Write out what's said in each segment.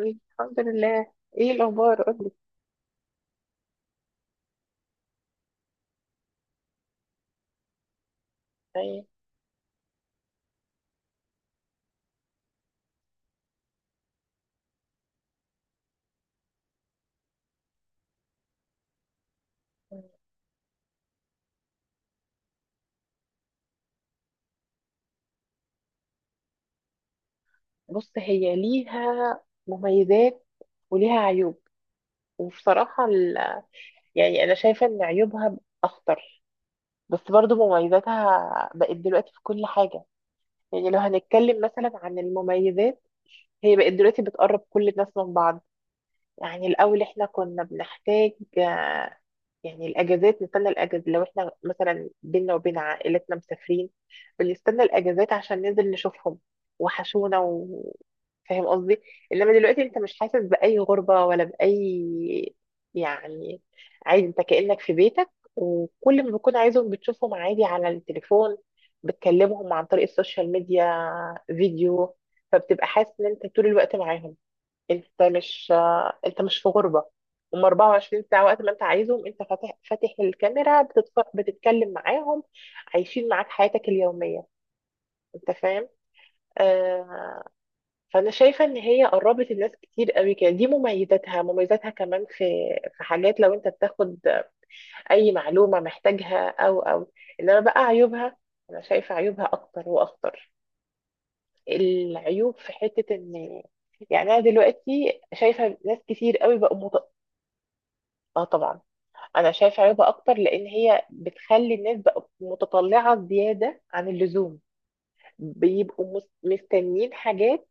إيه، الحمد لله. ايه الاخبار؟ قولي. يعني بص، هي ليها مميزات وليها عيوب، وبصراحة يعني انا شايفة ان عيوبها اخطر، بس برضو مميزاتها بقت دلوقتي في كل حاجة. يعني لو هنتكلم مثلا عن المميزات، هي بقت دلوقتي بتقرب كل الناس من بعض. يعني الأول إحنا كنا بنحتاج، آه، يعني الأجازات، نستنى الأجازة لو إحنا مثلا بينا وبين عائلتنا مسافرين، بنستنى الأجازات عشان ننزل نشوفهم، وحشونا فاهم قصدي؟ إنما دلوقتي أنت مش حاسس بأي غربة ولا بأي يعني، عادي أنت كأنك في بيتك، وكل ما بتكون عايزهم بتشوفهم عادي على التليفون، بتكلمهم عن طريق السوشيال ميديا، فيديو، فبتبقى حاسس إن أنت طول الوقت معاهم. انت مش انت مش في غربة. هم 24 ساعة وقت ما انت عايزهم، انت فاتح الكاميرا، بتتكلم معاهم، عايشين معاك حياتك اليومية. انت فاهم. آه... فانا شايفة ان هي قربت الناس كتير قوي كده. دي مميزاتها، مميزاتها كمان في في حاجات لو انت بتاخد اي معلومة محتاجها او انما بقى عيوبها، انا شايفة عيوبها اكتر واخطر. العيوب في حتة ان، يعني انا دلوقتي شايفة ناس كتير قوي بقوا اه طبعا. انا شايفه عيوبها اكتر لان هي بتخلي الناس بقى متطلعه زياده عن اللزوم، بيبقوا مستنيين حاجات.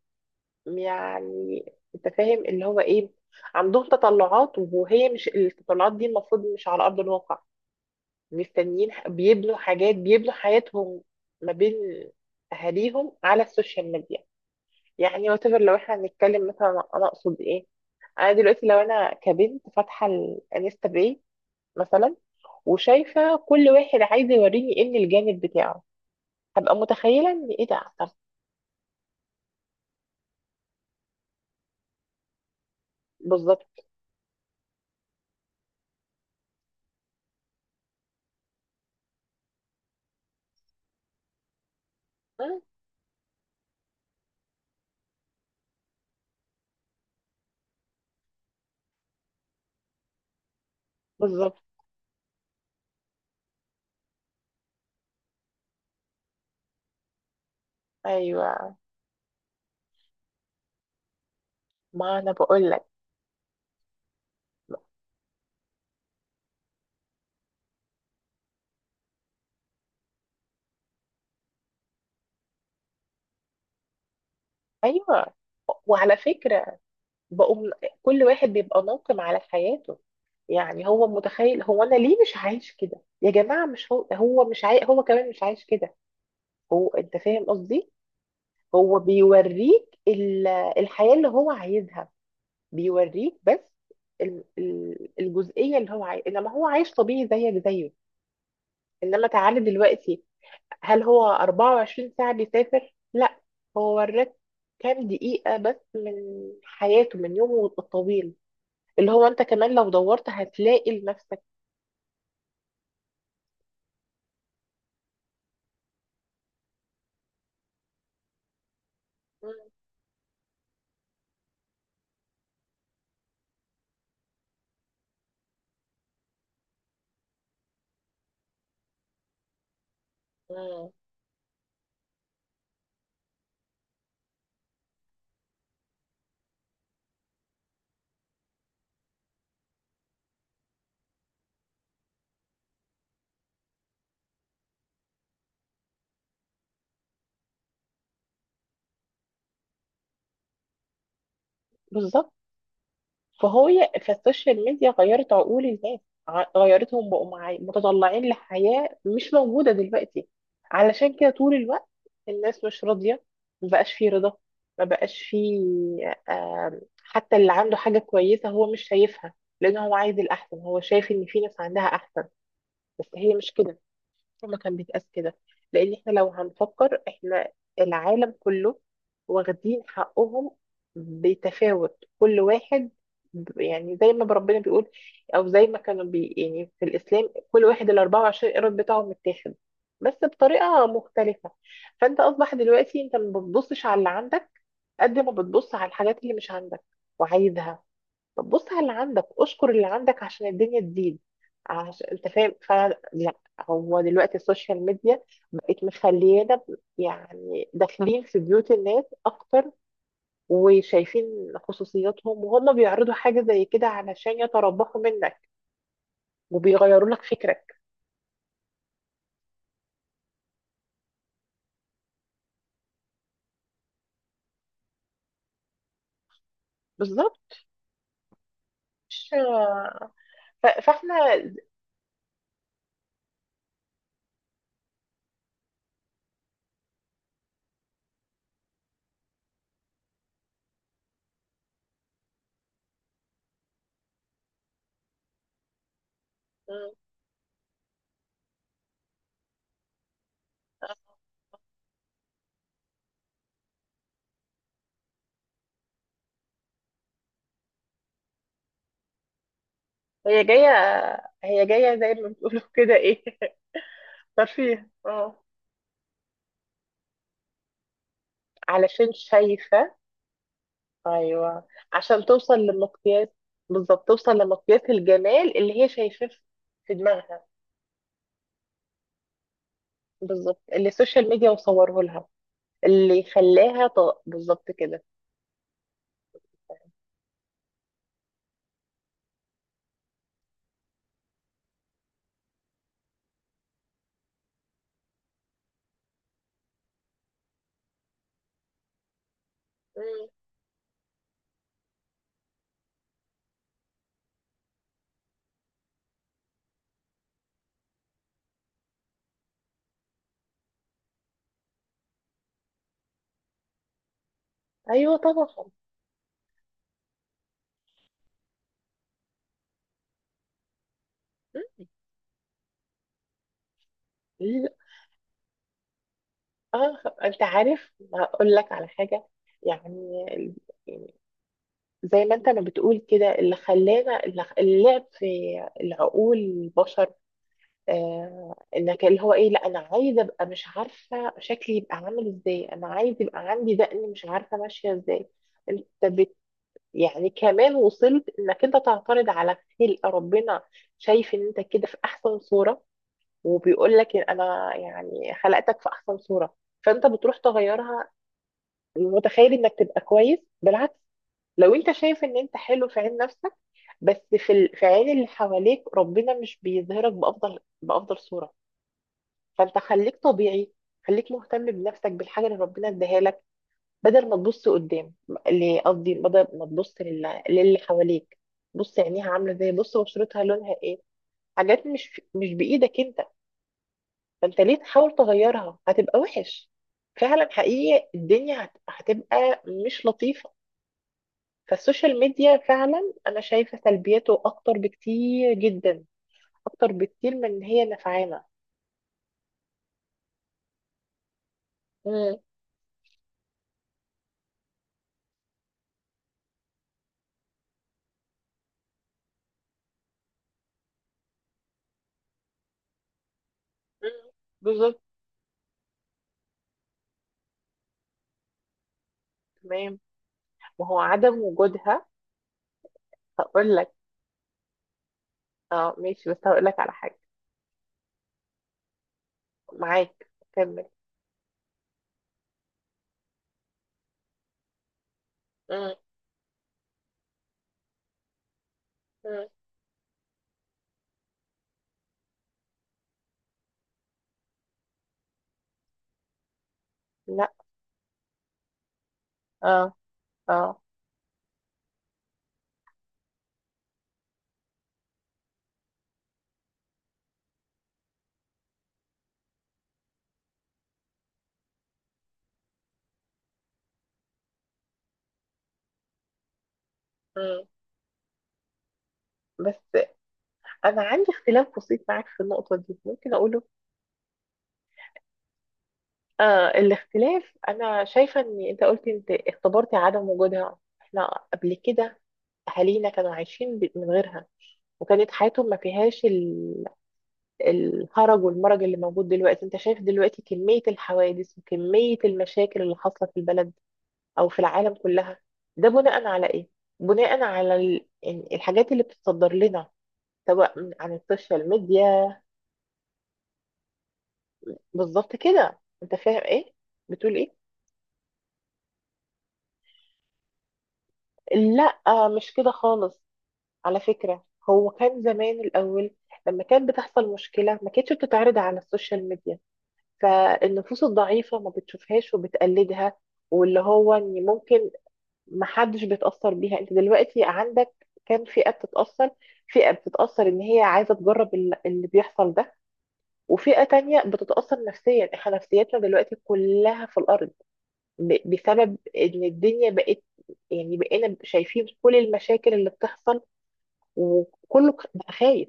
يعني، انت فاهم اللي هو ايه، عندهم تطلعات وهي مش التطلعات دي المفروض مش على ارض الواقع. مستنيين بيبنوا حاجات، بيبنوا حياتهم ما بين اهاليهم على السوشيال ميديا. يعني وتفر، لو احنا هنتكلم مثلا، انا اقصد ايه؟ انا دلوقتي لو انا كبنت فاتحه الانستا باي مثلا، وشايفه كل واحد عايز يوريني ايه من الجانب بتاعه، هبقى متخيله ان ايه ده. طب بالظبط. آه، بالظبط. ايوه، ما انا بقول لك. ايوه وعلى فكره، بقوم كل واحد بيبقى ناقم على حياته. يعني هو متخيل، هو انا ليه مش عايش كده يا جماعه؟ مش هو، هو مش عاي... هو كمان مش عايش كده. هو انت فاهم قصدي. هو بيوريك الحياه اللي هو عايزها، بيوريك بس الجزئية اللي هو عايش، انما هو عايش طبيعي زيك زيه. انما تعالى دلوقتي، هل هو 24 ساعة بيسافر؟ لا، هو وراك كام دقيقة بس من حياته، من يومه الطويل، اللي هو انت كمان لو دورت هتلاقي لنفسك. مم. مم. بالظبط. فهو، فالسوشيال ميديا غيرت عقول الناس، غيرتهم بقوا معي متطلعين لحياة مش موجودة دلوقتي. علشان كده طول الوقت الناس مش راضية، ما بقاش في رضا، ما بقاش في، حتى اللي عنده حاجة كويسة هو مش شايفها، لأنه هو عايز الأحسن، هو شايف إن في ناس عندها أحسن. بس هي مش كده، ما كان بيتقاس كده. لان احنا لو هنفكر، احنا العالم كله واخدين حقهم بتفاوت، كل واحد يعني زي ما ربنا بيقول، او زي ما كانوا بي يعني في الاسلام، كل واحد ال 24 قيراط بتاعهم متاخد بس بطريقه مختلفه. فانت اصبح دلوقتي انت ما بتبصش على اللي عندك، قد ما بتبص على الحاجات اللي مش عندك وعايزها. طب بص على اللي عندك، اشكر اللي عندك عشان الدنيا تزيد. عشان انت فاهم فعلا، لا هو دلوقتي السوشيال ميديا بقت مخليانا يعني داخلين في بيوت الناس اكتر، وشايفين خصوصياتهم، وهم بيعرضوا حاجة زي كده علشان يتربحوا منك وبيغيروا لك فكرك. بالظبط. مش- فاحنا، هي جاية، هي جاية زي ما بتقولوا كده ايه ترفيه اه، علشان شايفة. ايوه، عشان توصل لمقياس. بالظبط، توصل لمقياس الجمال اللي هي شايفاه في، في دماغها. بالظبط، اللي السوشيال ميديا مصوره لها، اللي خلاها طاق بالظبط كده. مم. ايوه طبعا. مم. لا. اه انت عارف، هقول لك على حاجه. يعني يعني زي ما انت ما بتقول كده، اللي خلانا، اللعب في العقول البشر. انك اللي هو ايه، لا انا عايزه ابقى مش عارفه شكلي يبقى عامل ازاي، انا عايز يبقى عندي دقن، مش عارفه ماشيه ازاي. انت بت يعني كمان وصلت انك انت تعترض على خلق ربنا. شايف ان انت كده في احسن صوره، وبيقول لك انا يعني خلقتك في احسن صوره، فانت بتروح تغيرها. متخيل انك تبقى كويس؟ بالعكس. لو انت شايف ان انت حلو في عين نفسك، بس في في عين اللي حواليك ربنا مش بيظهرك بافضل، بافضل صوره. فانت خليك طبيعي، خليك مهتم بنفسك بالحاجه اللي ربنا اداها لك، بدل ما تبص قدام، اللي قصدي بدل ما تبص للي حواليك، بص عينيها عامله ازاي، بص بشرتها لونها ايه. حاجات مش بايدك انت. فانت ليه تحاول تغيرها؟ هتبقى وحش. فعلا حقيقي، الدنيا هتبقى مش لطيفه. فالسوشيال ميديا فعلا انا شايفه سلبياته اكتر بكتير جدا، اكتر بكتير من ان هي نفعانا. مم. مم. بالظبط. تمام، ما هو عدم وجودها. هقول لك. اه ماشي، بس هقول لك على حاجة. معاك، كمل. مم. مم. لا. اه اه. مم. بس انا عندي اختلاف بسيط معاك في النقطة دي، ممكن اقوله. آه الاختلاف، انا شايفة ان انت قلت انت اختبرتي عدم وجودها. احنا قبل كده اهالينا كانوا عايشين من غيرها، وكانت حياتهم ما فيهاش الهرج والمرج اللي موجود دلوقتي. انت شايف دلوقتي كمية الحوادث وكمية المشاكل اللي حاصلة في البلد، او في العالم كلها؟ ده بناء على ايه؟ بناء على إن الحاجات اللي بتتصدر لنا، سواء عن السوشيال ميديا. بالظبط كده، انت فاهم ايه بتقول ايه. لا مش كده خالص، على فكرة. هو كان زمان الاول لما كانت بتحصل مشكلة ما كانتش بتتعرض على السوشيال ميديا، فالنفوس الضعيفة ما بتشوفهاش وبتقلدها، واللي هو ان ممكن، محدش بيتأثر بيها. انت دلوقتي عندك كام فئة بتتأثر؟ فئة بتتأثر ان هي عايزة تجرب اللي بيحصل ده، وفئة تانية بتتأثر نفسيا. احنا نفسيتنا دلوقتي كلها في الأرض بسبب ان الدنيا بقت، يعني بقينا شايفين كل المشاكل اللي بتحصل، وكله بقى خايف.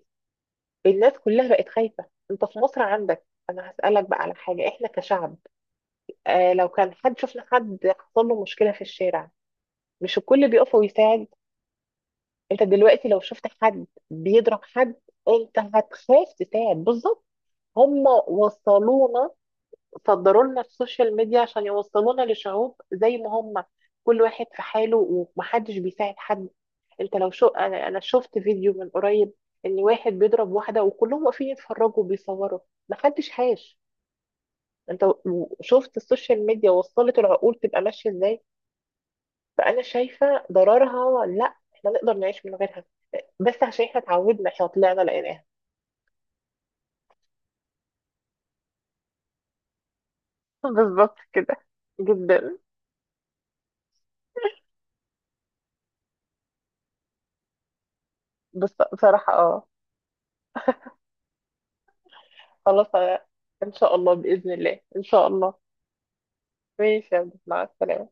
الناس كلها بقت خايفة. انت في مصر عندك، انا هسألك بقى على حاجة، احنا كشعب، آه لو كان حد، شفنا حد حصل له مشكلة في الشارع، مش الكل بيقف ويساعد. انت دلوقتي لو شفت حد بيضرب حد، انت هتخاف تساعد. بالظبط، هم وصلونا، صدروا لنا السوشيال ميديا عشان يوصلونا لشعوب زي ما هم، كل واحد في حاله ومحدش بيساعد حد. انت لو شو، انا شفت فيديو من قريب ان واحد بيضرب واحدة وكلهم واقفين يتفرجوا وبيصوروا، محدش هاش. انت شفت السوشيال ميديا وصلت العقول تبقى ماشية ازاي؟ فانا شايفه ضررها، لا احنا نقدر نعيش من غيرها، بس عشان احنا اتعودنا، احنا طلعنا لقيناها. بالظبط كده، جدا. بس بصراحه اه، خلاص. ان شاء الله، باذن الله، ان شاء الله. ماشي يا عبد، مع السلامه.